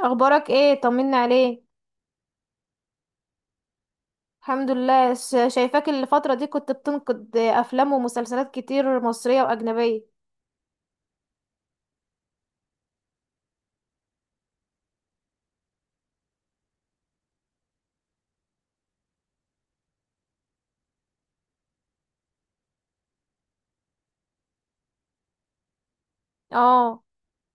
اخبارك ايه؟ طمني عليك. الحمد لله. شايفاك الفترة دي، كنت بتنقد افلام ومسلسلات كتير، مصرية واجنبية. اه.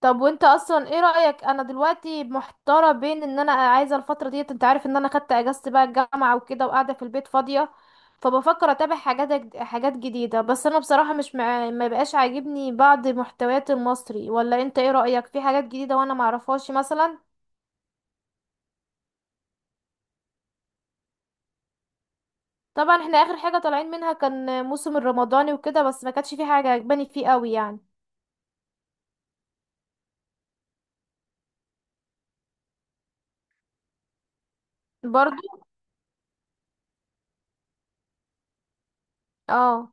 طب وانت اصلا ايه رأيك؟ انا دلوقتي محتارة بين ان انا عايزة الفترة ديت، انت عارف ان انا خدت اجازة بقى الجامعة وكده، وقاعدة في البيت فاضية، فبفكر اتابع حاجات جديدة. بس انا بصراحة مش مع... ما بقاش عاجبني بعض محتويات المصري، ولا انت ايه رأيك في حاجات جديدة وانا معرفهاش مثلا؟ طبعا احنا اخر حاجة طالعين منها كان موسم الرمضاني وكده، بس ما كانتش في حاجة عجباني فيه قوي يعني. برضو. اه.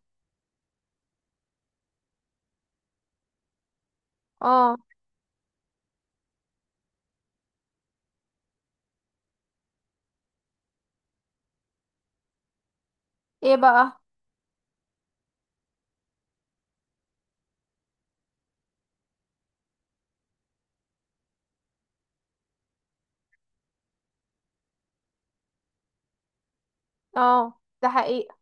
اه. ايه بقى؟ اه، ده حقيقة.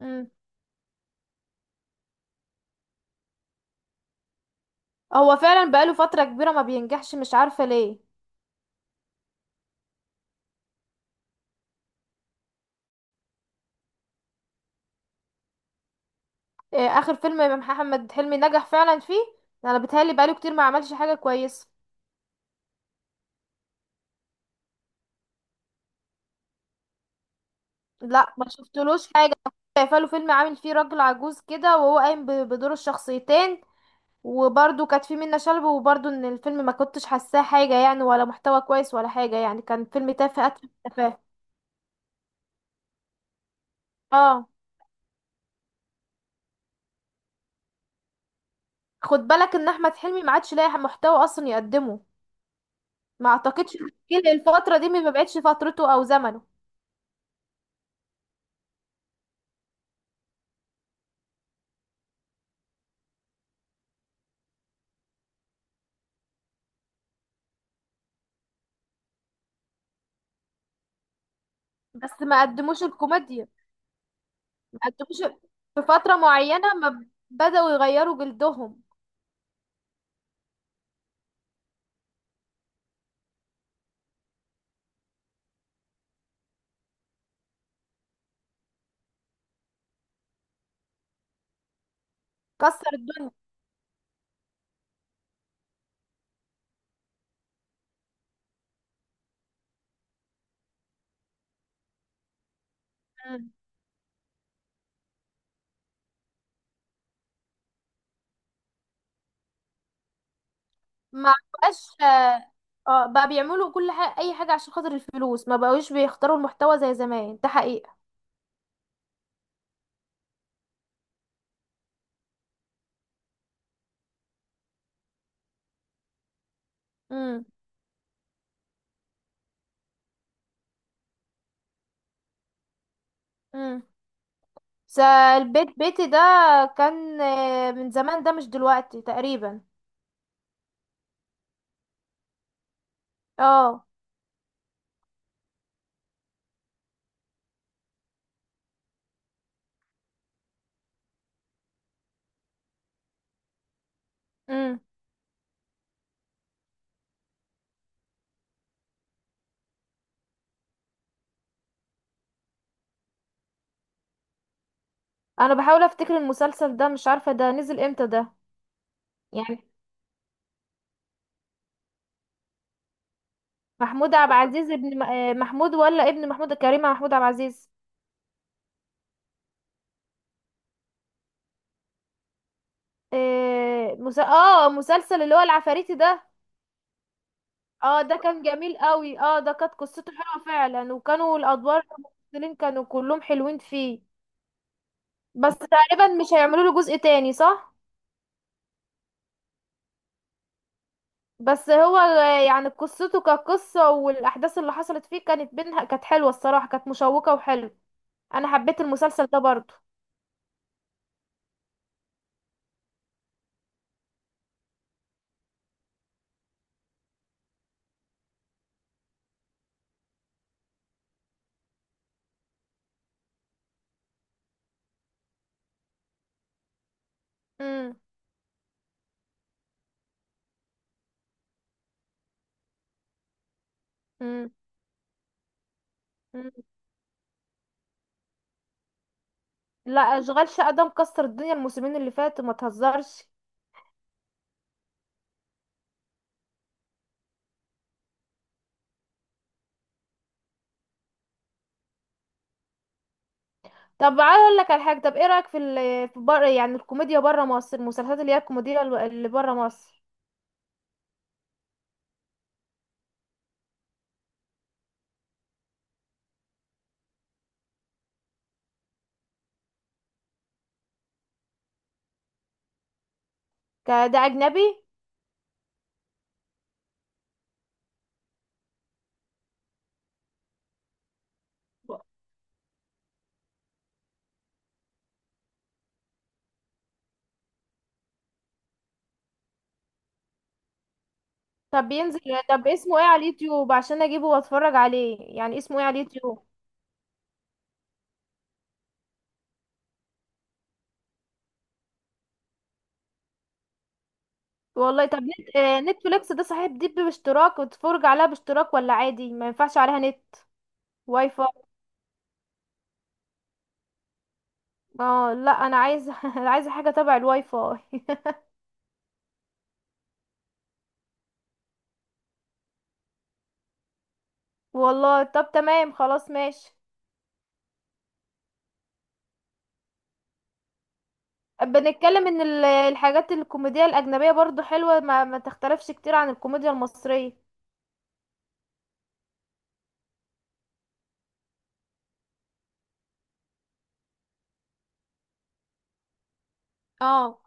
مم. هو فعلا بقاله فترة كبيرة ما بينجحش، مش عارفة ليه. إيه اخر فيلم محمد حلمي نجح فعلا فيه؟ انا بتهيألي بقاله كتير ما عملش حاجة كويسة. لا، ما شفتلوش حاجة. شايفه له فيلم عامل فيه راجل عجوز كده، وهو قايم بدور الشخصيتين. وبرضو كانت في منة شلبي، وبرضو ان الفيلم ما كنتش حاساه حاجة يعني، ولا محتوى كويس ولا حاجة، يعني كان فيلم تافه اتفه تافه. اه، خد بالك ان احمد حلمي ما عادش لاقي محتوى اصلا يقدمه. ما اعتقدش. جيل الفترة دي ما بقتش فترته او زمنه. بس ما قدموش الكوميديا. ما قدموش. في فترة معينة ما ب- بدأوا يغيروا جلدهم. كسر الدنيا. مم. ما بقاش. بقى بيعملوا كل حاجة، اي حاجة عشان خاطر الفلوس، ما بقوش بيختاروا المحتوى زي زمان، ده حقيقة. مم. مم. بس البيت بيتي ده كان من زمان، ده مش دلوقتي تقريبا. اه. مم. انا بحاول افتكر المسلسل ده، مش عارفة ده نزل امتى ده، يعني. محمود عبد العزيز ابن محمود، ولا ابن محمود كريم محمود عبد العزيز؟ اه، مسلسل اللي هو العفاريتي ده. اه، ده كان جميل قوي. اه، ده كانت قصته حلوة فعلا، وكانوا الادوار الممثلين كانوا كلهم حلوين فيه. بس تقريبا مش هيعملوا له جزء تاني، صح؟ بس هو يعني قصته كقصة، والأحداث اللي حصلت فيه كانت بينها كانت حلوة، الصراحة كانت مشوقة وحلوة. أنا حبيت المسلسل ده برضو. مم. مم. مم. لا، أشغال شقة ده مكسر الدنيا، الموسمين اللي فاتوا ما تهزرش. طب عايز أقول لك على حاجة. طب إيه رأيك في في بره، يعني الكوميديا بره مصر، المسلسلات اللي هي اللي بره مصر؟ ده أجنبي. طب بينزل؟ طب اسمه إيه على اليوتيوب عشان أجيبه وأتفرج عليه؟ يعني اسمه إيه على اليوتيوب؟ والله طب نت... آه، نتفليكس ده صحيح، دي باشتراك وتتفرج عليها باشتراك، ولا عادي ما ينفعش عليها نت واي فاي؟ اه لا، انا عايزه انا عايزه حاجه تبع الواي فاي. والله طب تمام، خلاص ماشي. بنتكلم ان الحاجات الكوميديا الاجنبيه برضو حلوه، ما تختلفش كتير عن الكوميديا المصريه. اه.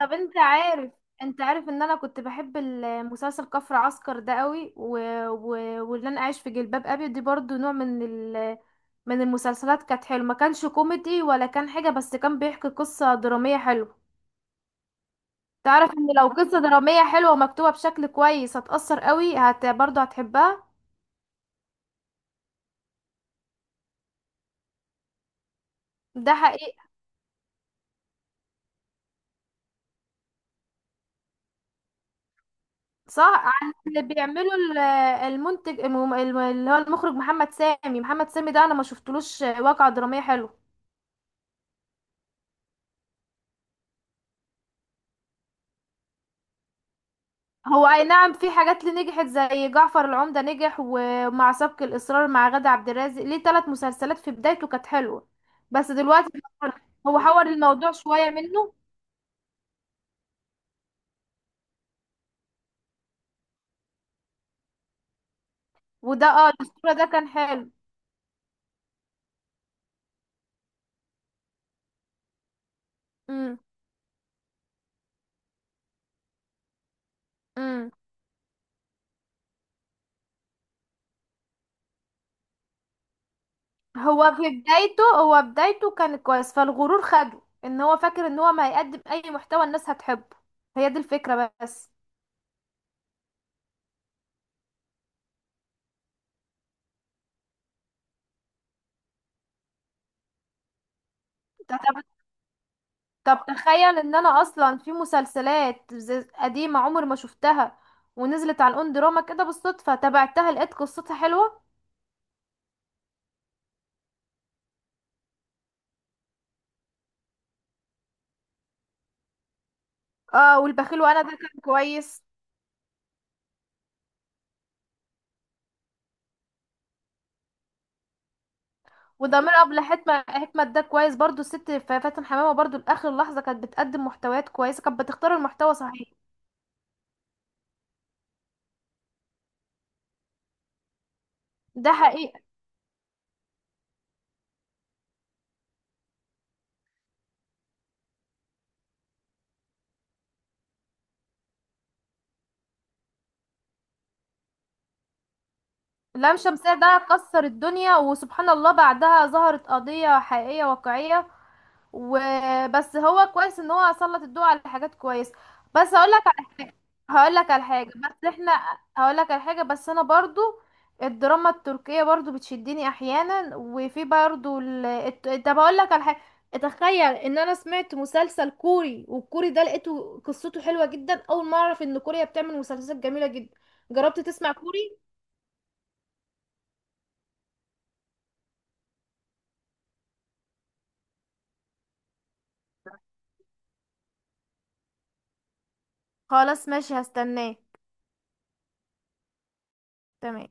طب انت عارف ان انا كنت بحب المسلسل كفر عسكر ده قوي. و... واللي انا عايش في جلباب ابي دي برضو نوع من المسلسلات، كانت حلوه. ما كانش كوميدي ولا كان حاجه، بس كان بيحكي قصه دراميه حلوه. تعرف ان لو قصه دراميه حلوه ومكتوبه بشكل كويس هتأثر قوي، برضو هتحبها. ده حقيقي. صح، عن اللي بيعمله المنتج اللي هو المخرج محمد سامي ده، انا ما شفتلوش واقعة درامية حلوة. هو اي نعم، في حاجات اللي نجحت زي جعفر العمدة نجح، ومع سبق الإصرار مع غادة عبد الرازق، ليه 3 مسلسلات في بدايته كانت حلوة. بس دلوقتي. هو حور الموضوع شوية منه. وده اه الأسطورة ده كان حلو. امم. امم. هو في بدايته، بدايته كان كويس. فالغرور خده ان هو فاكر ان هو ما هيقدم اي محتوى الناس هتحبه. هي دي الفكرة بس. طب تخيل ان انا اصلا في مسلسلات قديمة عمر ما شفتها، ونزلت على الاون دراما كده بالصدفة، تابعتها لقيت قصتها حلوة. اه، والبخيل وانا ده كان كويس. وضمير ابله حكمة ده كويس برضو. الست فاتن حمامة برضو لاخر لحظة كانت بتقدم محتويات كويسة، كانت بتختار المحتوى صحيح. ده حقيقة. لام شمسية ده كسر الدنيا، وسبحان الله بعدها ظهرت قضية حقيقية واقعية. وبس هو كويس ان هو سلط الضوء على حاجات كويس. بس هقول لك على حاجه بس احنا هقول لك على حاجه بس انا برضو. الدراما التركيه برضو بتشدني احيانا، وفي برضو طب هقول لك على حاجه. تخيل ان انا سمعت مسلسل كوري، والكوري ده لقيته قصته حلوه جدا. اول ما اعرف ان كوريا بتعمل مسلسلات جميله جدا. جربت تسمع كوري؟ خلاص ماشي، هستناك. تمام.